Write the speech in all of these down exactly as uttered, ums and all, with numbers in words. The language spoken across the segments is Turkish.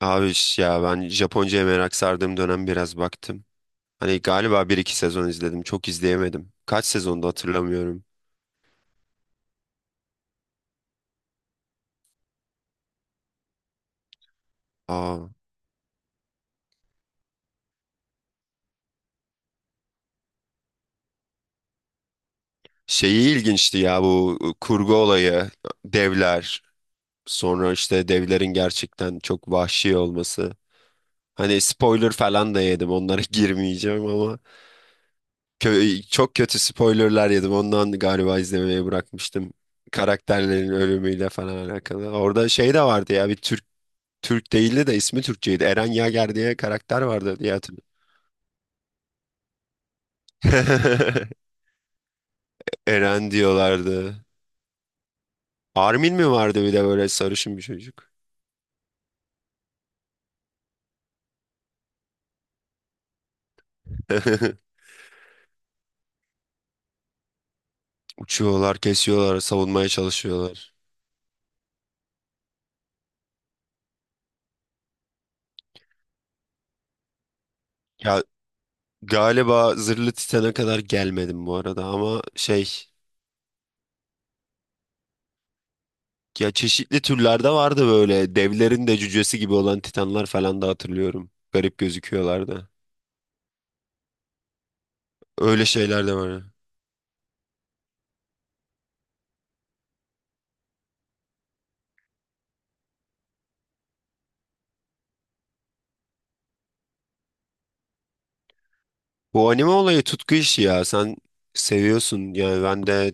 Abi ş- ya ben Japonca'ya merak sardığım dönem biraz baktım. Hani galiba bir iki sezon izledim. Çok izleyemedim. Kaç sezonda hatırlamıyorum. Aa, şeyi ilginçti ya bu kurgu olayı. Devler. Sonra işte devlerin gerçekten çok vahşi olması. Hani spoiler falan da yedim. Onlara girmeyeceğim ama kö- çok kötü spoilerlar yedim. Ondan galiba izlemeyi bırakmıştım. Karakterlerin ölümüyle falan alakalı. Orada şey de vardı ya bir Türk Türk değildi de ismi Türkçeydi. Eren Yager diye karakter vardı diye hatırlıyorum. Eren diyorlardı. Armin mi vardı bir de böyle sarışın bir çocuk? Uçuyorlar, kesiyorlar, savunmaya çalışıyorlar. Ya galiba Zırhlı Titan'a kadar gelmedim bu arada ama şey, ya çeşitli türlerde vardı böyle devlerin de cücesi gibi olan titanlar falan da hatırlıyorum. Garip gözüküyorlardı. Öyle şeyler de var. Bu anime olayı tutku işi ya. Sen seviyorsun yani ben de.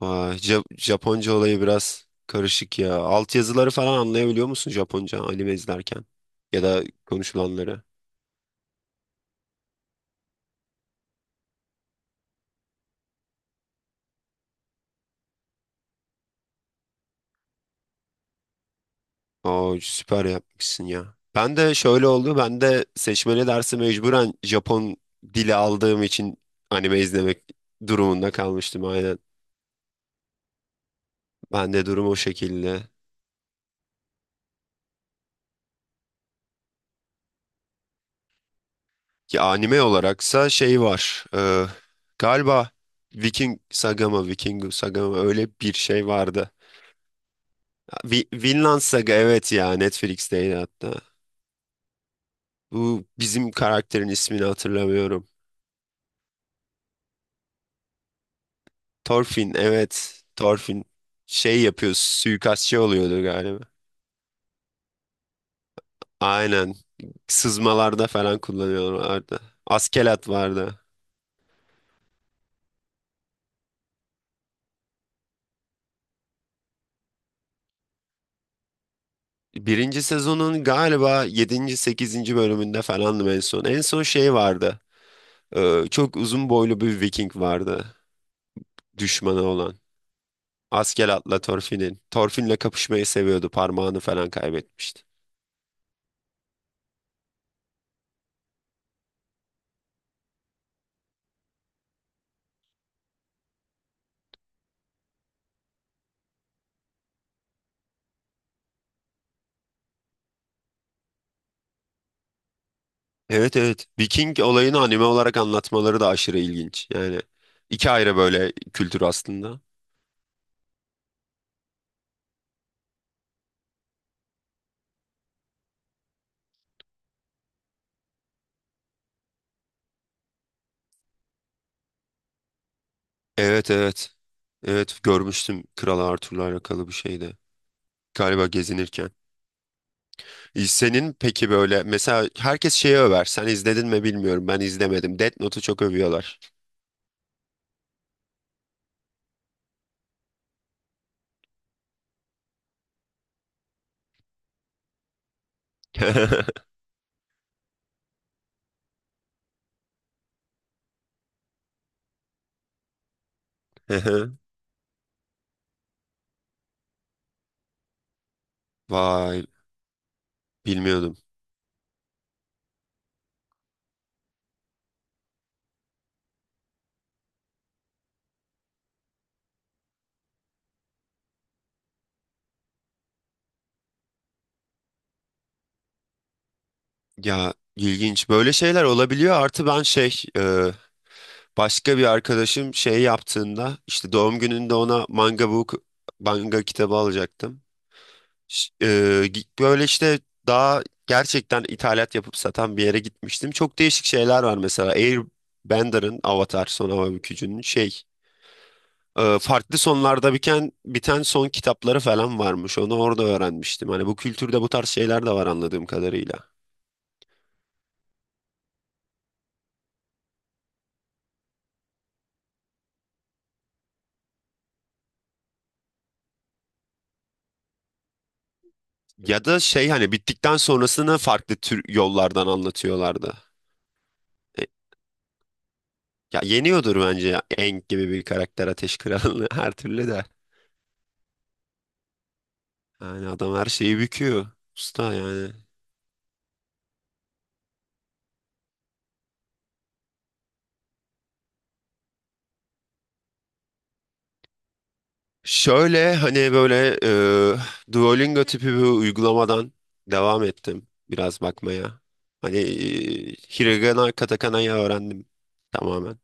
Vay, Ja- Japonca olayı biraz karışık ya. Altyazıları falan anlayabiliyor musun Japonca anime izlerken? Ya da konuşulanları. Oo, süper yapmışsın ya. Ben de şöyle oldu. Ben de seçmeli dersi mecburen Japon dili aldığım için anime izlemek durumunda kalmıştım aynen. Ben de durum o şekilde. Ki anime olaraksa şey var. E, galiba Viking Sagama, Vikingu Sagama öyle bir şey vardı. Vi Vinland Saga, evet, ya Netflix'teydi hatta. Bu bizim karakterin ismini hatırlamıyorum. Thorfinn, evet, Thorfinn şey yapıyor, suikastçı oluyordu galiba. Aynen, sızmalarda falan kullanıyorlardı. Askelat vardı. Birinci sezonun galiba yedinci sekizinci bölümünde falandım en son. En son şey vardı. Ee, çok uzun boylu bir Viking vardı, düşmanı olan. Askelat'la Torfin'in. Torfin'le kapışmayı seviyordu. Parmağını falan kaybetmişti. Evet, evet. Viking olayını anime olarak anlatmaları da aşırı ilginç. Yani iki ayrı böyle kültür aslında. Evet, evet. Evet, görmüştüm, Kral Arthur'la alakalı bir şeydi. Galiba gezinirken. E, senin peki böyle mesela herkes şeyi över. Sen izledin mi bilmiyorum. Ben izlemedim. Death Note'u çok övüyorlar. Ehe. Vay, bilmiyordum. Ya ilginç böyle şeyler olabiliyor. Artı ben şey, e, başka bir arkadaşım şey yaptığında işte doğum gününde ona manga book manga kitabı alacaktım. Ş- e, gi- Böyle işte daha gerçekten ithalat yapıp satan bir yere gitmiştim. Çok değişik şeyler var mesela. Airbender'ın Avatar Son Hava Bükücü'nün şey, e, farklı sonlarda biten, biten son kitapları falan varmış. Onu orada öğrenmiştim. Hani bu kültürde bu tarz şeyler de var anladığım kadarıyla. Ya da şey, hani bittikten sonrasını farklı tür yollardan anlatıyorlardı. E, Ya yeniyordur bence ya. Aang gibi bir karakter Ateş Kralı'nı her türlü de. Yani adam her şeyi büküyor. Usta yani. Şöyle hani böyle, e, Duolingo tipi bir uygulamadan devam ettim biraz bakmaya. Hani, e, Hiragana, Katakana'yı öğrendim tamamen.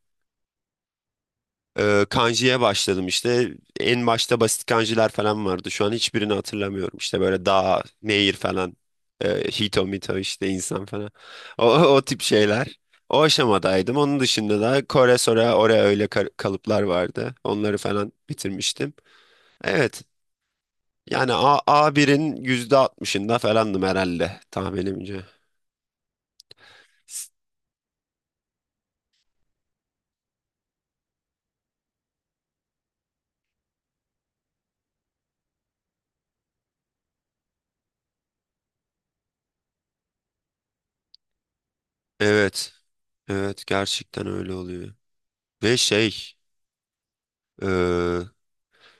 E, kanji'ye başladım işte. En başta basit kanjiler falan vardı. Şu an hiçbirini hatırlamıyorum. İşte böyle dağ, nehir falan. E, hito mito işte insan falan. O, o tip şeyler. O aşamadaydım. Onun dışında da Kore, Sora, Ore öyle kar- kalıplar vardı. Onları falan bitirmiştim. Evet. Yani A, A1'in yüzde altmışında falandım herhalde tahminimce. S- Evet, evet, gerçekten öyle oluyor. Ve şey, e,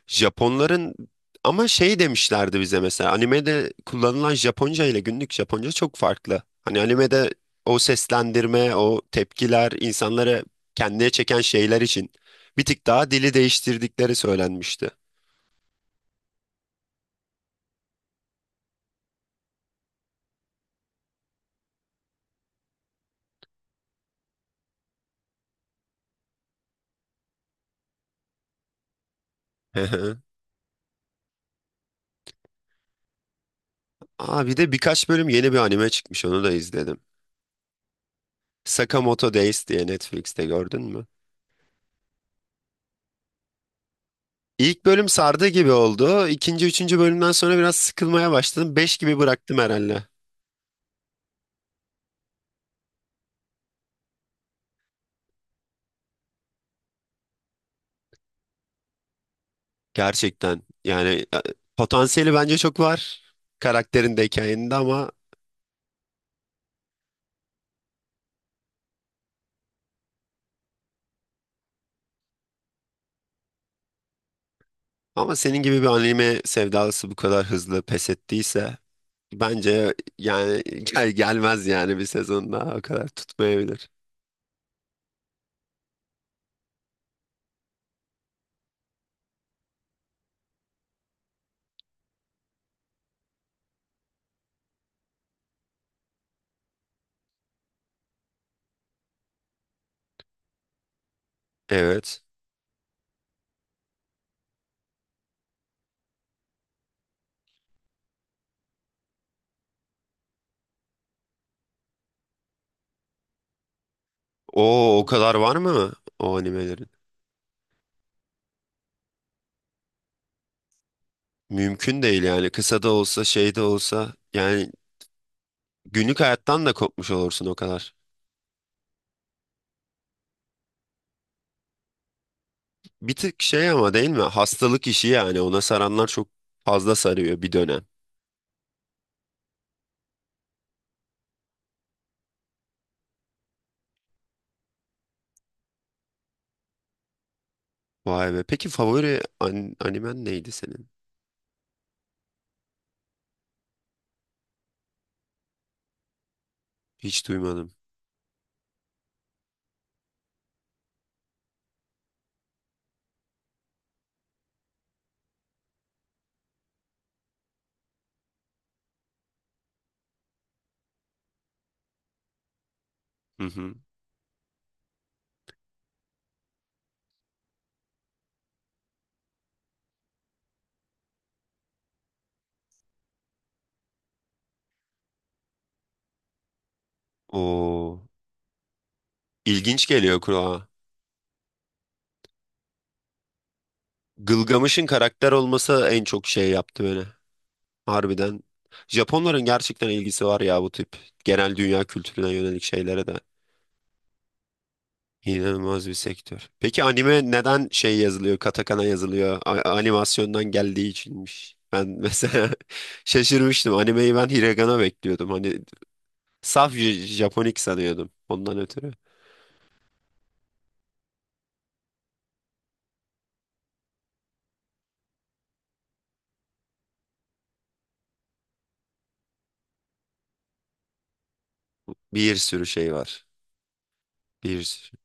Japonların, ama şey demişlerdi bize mesela animede kullanılan Japonca ile günlük Japonca çok farklı. Hani animede o seslendirme, o tepkiler insanları kendine çeken şeyler için bir tık daha dili değiştirdikleri söylenmişti. Hı hı. Aa, bir de birkaç bölüm yeni bir anime çıkmış, onu da izledim. Sakamoto Days diye, Netflix'te gördün mü? İlk bölüm sardı gibi oldu. İkinci, üçüncü bölümden sonra biraz sıkılmaya başladım. Beş gibi bıraktım herhalde. Gerçekten yani, e, potansiyeli bence çok var. Karakterin de hikayenin de ama, ama senin gibi bir anime sevdalısı bu kadar hızlı pes ettiyse, bence yani gel gelmez yani bir sezon daha o kadar tutmayabilir. Evet. O o kadar var mı o animelerin? Mümkün değil yani, kısa da olsa şey de olsa yani günlük hayattan da kopmuş olursun o kadar. Bir tık şey ama değil mi? Hastalık işi yani, ona saranlar çok fazla sarıyor bir dönem. Vay be. Peki favori an- animen neydi senin? Hiç duymadım. Hı hı. O ilginç geliyor kulağa. Gılgamış'ın karakter olması en çok şey yaptı beni. Harbiden. Japonların gerçekten ilgisi var ya bu tip genel dünya kültürüne yönelik şeylere de. İnanılmaz bir sektör. Peki anime neden şey yazılıyor, katakana yazılıyor? A- animasyondan geldiği içinmiş. Ben mesela şaşırmıştım. Animeyi ben hiragana bekliyordum. Hani saf J- Japonik sanıyordum. Ondan ötürü. Bir sürü şey var. Bir sürü.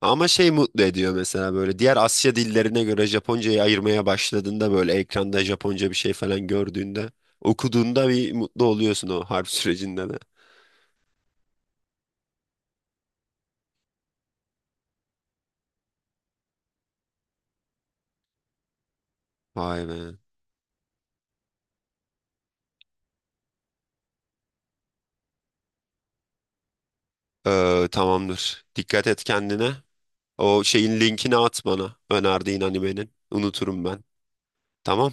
Ama şey mutlu ediyor mesela, böyle diğer Asya dillerine göre Japoncayı ayırmaya başladığında, böyle ekranda Japonca bir şey falan gördüğünde, okuduğunda bir mutlu oluyorsun o harf sürecinde de. Vay be. Ee, tamamdır. Dikkat et kendine. O şeyin linkini at bana, önerdiğin animenin. Unuturum ben. Tamam.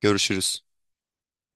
Görüşürüz.